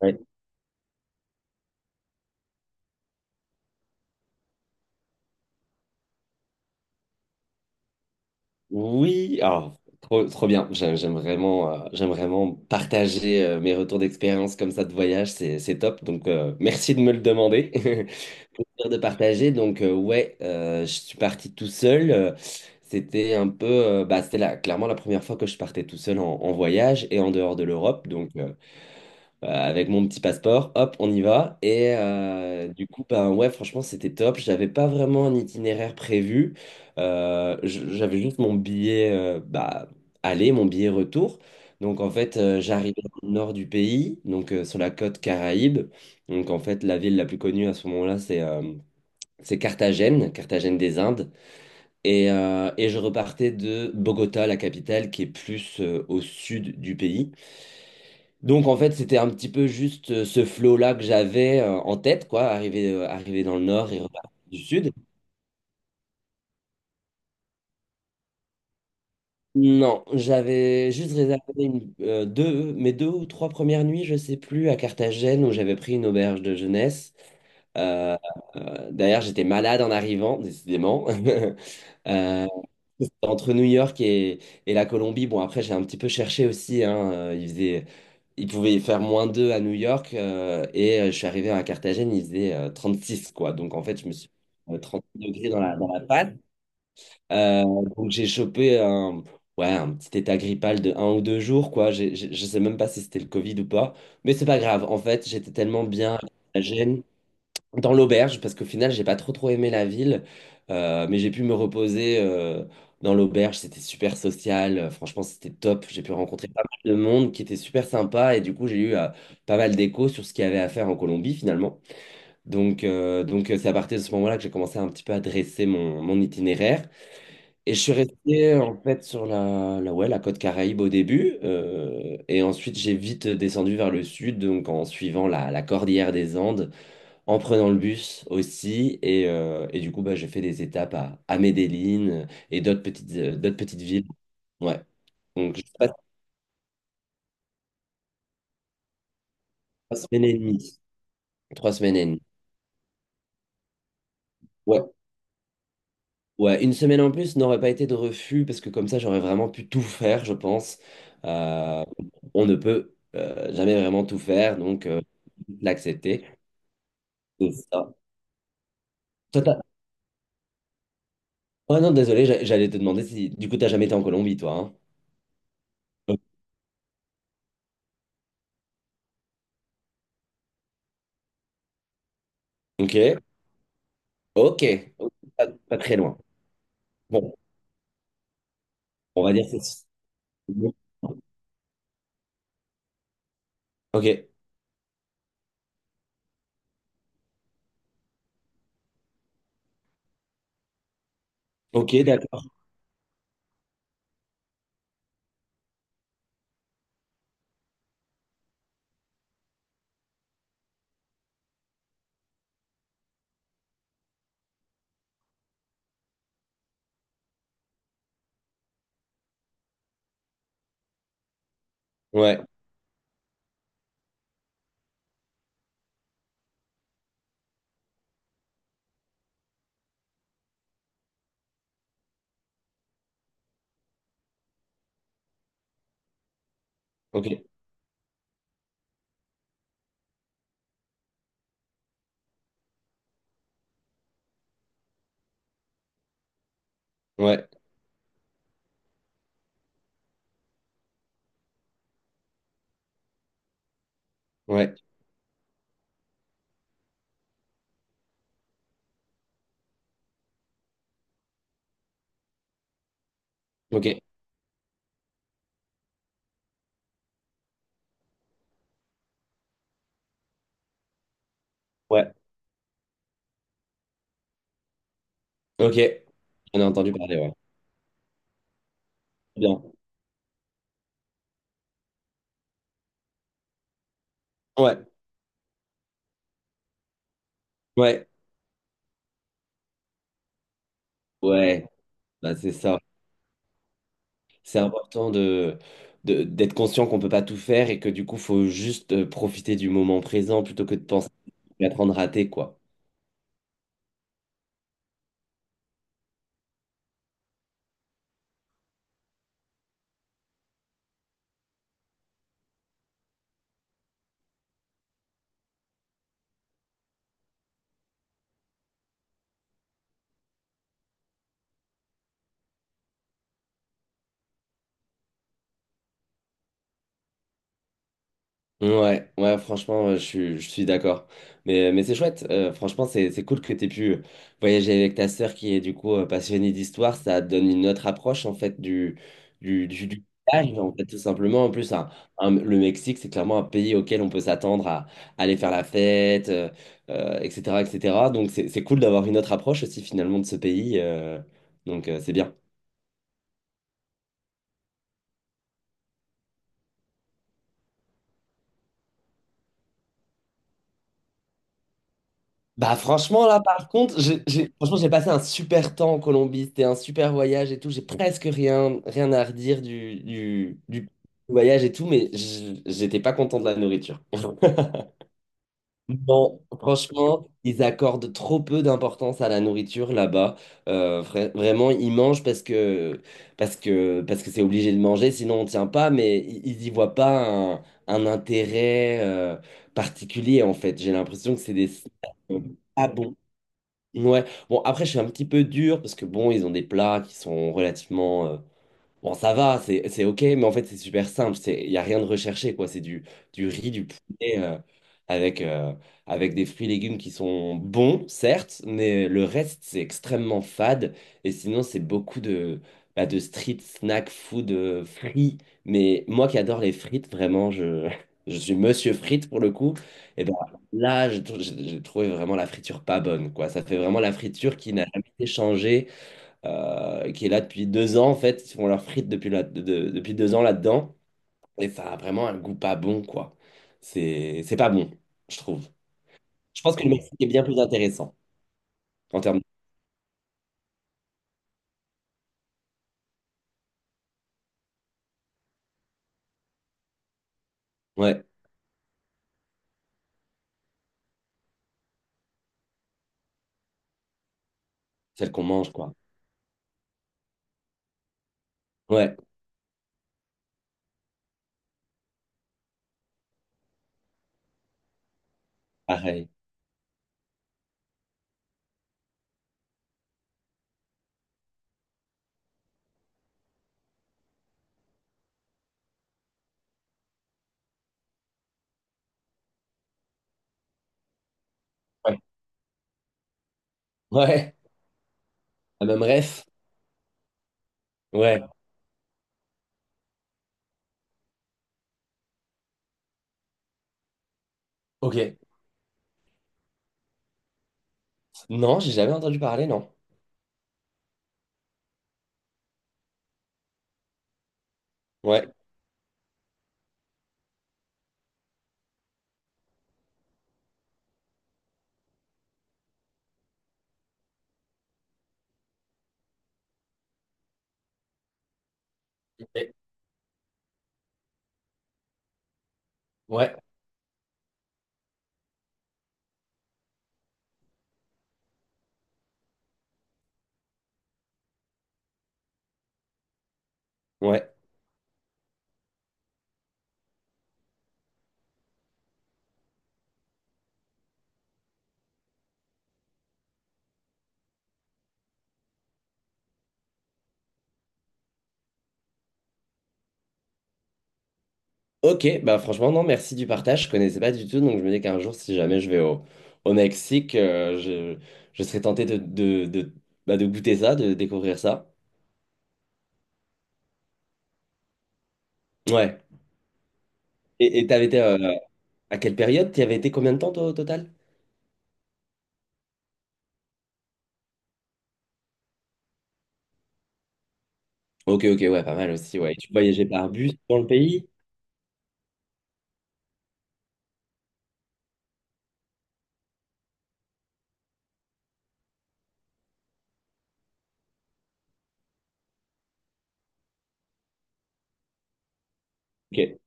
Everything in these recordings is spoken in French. Ouais. Oui, alors, trop, trop bien. J'aime vraiment, j'aime vraiment partager mes retours d'expérience comme ça de voyage, c'est top. Donc, merci de me le demander. Plaisir de partager. Donc, ouais, je suis parti tout seul. C'était un peu, bah, clairement la première fois que je partais tout seul en, en voyage et en dehors de l'Europe. Donc, avec mon petit passeport, hop, on y va. Et du coup, ben ouais, franchement, c'était top. J'avais pas vraiment un itinéraire prévu. J'avais juste mon billet bah, aller, mon billet retour. Donc en fait, j'arrivais au nord du pays, donc sur la côte Caraïbe. Donc en fait, la ville la plus connue à ce moment-là, c'est Carthagène, Carthagène des Indes. Et je repartais de Bogota, la capitale, qui est plus au sud du pays. Donc en fait, c'était un petit peu juste ce flow-là que j'avais en tête, quoi, arriver dans le nord et repartir du sud. Non, j'avais juste réservé mes deux ou trois premières nuits, je sais plus, à Carthagène où j'avais pris une auberge de jeunesse. Euh, D'ailleurs, j'étais malade en arrivant, décidément. Euh, C'était entre New York et la Colombie. Bon, après j'ai un petit peu cherché aussi, hein. Il pouvait y faire moins 2 à New York et je suis arrivé à Carthagène, il faisait six quoi. Donc en fait, je me suis 30 degrés dans la patte. Euh, donc j'ai chopé ouais, un petit état grippal de un ou deux jours quoi. Je sais même pas si c'était le Covid ou pas, mais c'est pas grave. En fait, j'étais tellement bien à Carthagène dans l'auberge parce qu'au final j'ai pas trop trop aimé la ville, mais j'ai pu me reposer. Dans l'auberge, c'était super social. Franchement, c'était top. J'ai pu rencontrer pas mal de monde qui était super sympa et du coup j'ai eu pas mal d'échos sur ce qu'il y avait à faire en Colombie finalement. C'est à partir de ce moment-là que j'ai commencé un petit peu à dresser mon itinéraire, et je suis resté en fait sur la ouais la côte Caraïbe au début, et ensuite j'ai vite descendu vers le sud, donc en suivant la cordillère des Andes, en prenant le bus aussi. Et du coup, bah, j'ai fait des étapes à Medellín et d'autres petites villes. Ouais. Donc, je passe trois semaines et demie. Trois semaines et demie. Ouais. Ouais, une semaine en plus n'aurait pas été de refus parce que comme ça, j'aurais vraiment pu tout faire, je pense. Euh, on ne peut jamais vraiment tout faire, donc l'accepter. C'est ça. Toi, t'as- Oh non, désolé, j'allais te demander si du coup, t'as jamais été en Colombie, toi. Hein. Ok, ok, pas, pas très loin. Bon. On va dire que c'est... Ok, ok, d'accord. Ouais, ok, ouais, ouais, ok, ouais, ok. J'en ai entendu parler, ouais. Bien. Ouais, ouais, ouais, bah, c'est ça. C'est important d'être conscient qu'on peut pas tout faire et que du coup, faut juste profiter du moment présent plutôt que de penser à être en train quoi. Ouais, ouais, franchement, je suis d'accord. Mais c'est chouette. Franchement, c'est cool que tu aies pu voyager avec ta sœur qui est du coup passionnée d'histoire. Ça donne une autre approche en fait du voyage, en fait, tout simplement. En plus, un- Le Mexique, c'est clairement un pays auquel on peut s'attendre à aller faire la fête, etc., etc. Donc, c'est cool d'avoir une autre approche aussi finalement de ce pays. Donc, c'est bien. Bah franchement là par contre franchement j'ai passé un super temps en Colombie. C'était un super voyage et tout. J'ai presque rien rien à redire du voyage et tout, mais j'étais pas content de la nourriture. Non, franchement, ils accordent trop peu d'importance à la nourriture là-bas. Vraiment, ils mangent parce que parce que c'est obligé de manger sinon on tient pas, ils y voient pas un intérêt particulier. En fait, j'ai l'impression que c'est des... Ah. Ouais, bon, après je suis un petit peu dur parce que bon, ils ont des plats qui sont relativement bon, ça va, c'est OK, mais en fait, c'est super simple. C'est, il n'y a rien de recherché, quoi. Du riz, du poulet, avec, euh, avec des fruits et légumes qui sont bons, certes, mais le reste, c'est extrêmement fade. Et sinon, c'est beaucoup de, bah, de street snack food frits. Mais moi qui adore les frites, vraiment, je, je suis monsieur frites pour le coup. Et ben là, j'ai trouvé vraiment la friture pas bonne, quoi. Ça fait vraiment la friture qui n'a jamais été changée, qui est là depuis deux ans en fait. Ils font leurs frites depuis, là- de- depuis deux ans là-dedans. Et ça a vraiment un goût pas bon, quoi. C'est pas bon, je trouve. Je pense que le Mexique est bien plus intéressant en termes de... Ouais, celle qu'on mange, quoi. Ouais, pareil. Ouais. Ouais, la même ref. Ouais, ok. Non, j'ai jamais entendu parler, non. Ouais. Ouais, ouais. Ok, bah franchement, non, merci du partage. Je connaissais pas du tout, donc je me dis qu'un jour, si jamais je vais au Mexique, je serais tenté de, bah, de goûter ça, de découvrir ça. Ouais. Et t'avais été à quelle période? T'y avais été combien de temps toi, au total? Ok, ok, ouais, pas mal aussi, ouais. Tu voyageais par bus dans le pays? Ok.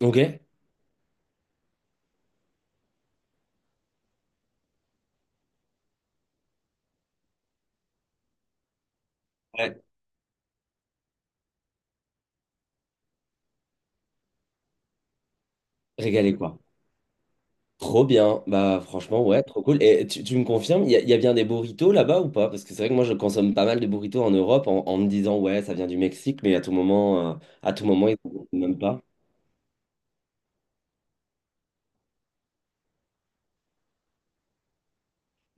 Ok. Ouais. Régalé, quoi. Trop bien. Bah franchement, ouais, trop cool. Et tu me confirmes, il y a bien des burritos là-bas ou pas? Parce que c'est vrai que moi je consomme pas mal de burritos en Europe en me disant ouais, ça vient du Mexique, mais à tout moment, ils n'en font même pas.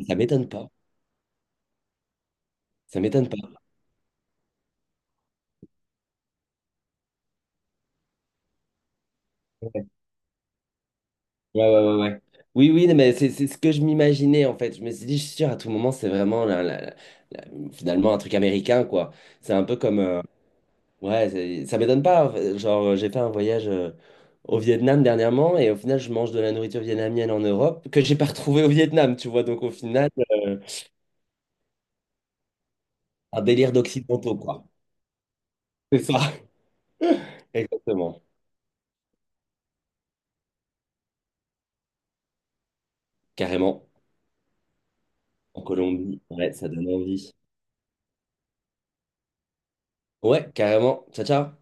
Ça m'étonne pas. Ça m'étonne pas. Ouais, ouais, ouais, ouais. Oui, oui, mais c'est ce que je m'imaginais en fait. Je me suis dit, je suis sûr, à tout moment, c'est vraiment finalement un truc américain, quoi. C'est un peu comme. Ouais, ça m'étonne pas. Genre, j'ai fait un voyage au Vietnam dernièrement et au final, je mange de la nourriture vietnamienne en Europe que j'ai pas retrouvée au Vietnam, tu vois. Donc, au final, un délire d'occidentaux, quoi. C'est ça. Exactement. Carrément. En Colombie. Ouais, ça donne envie. Ouais, carrément. Ciao, ciao.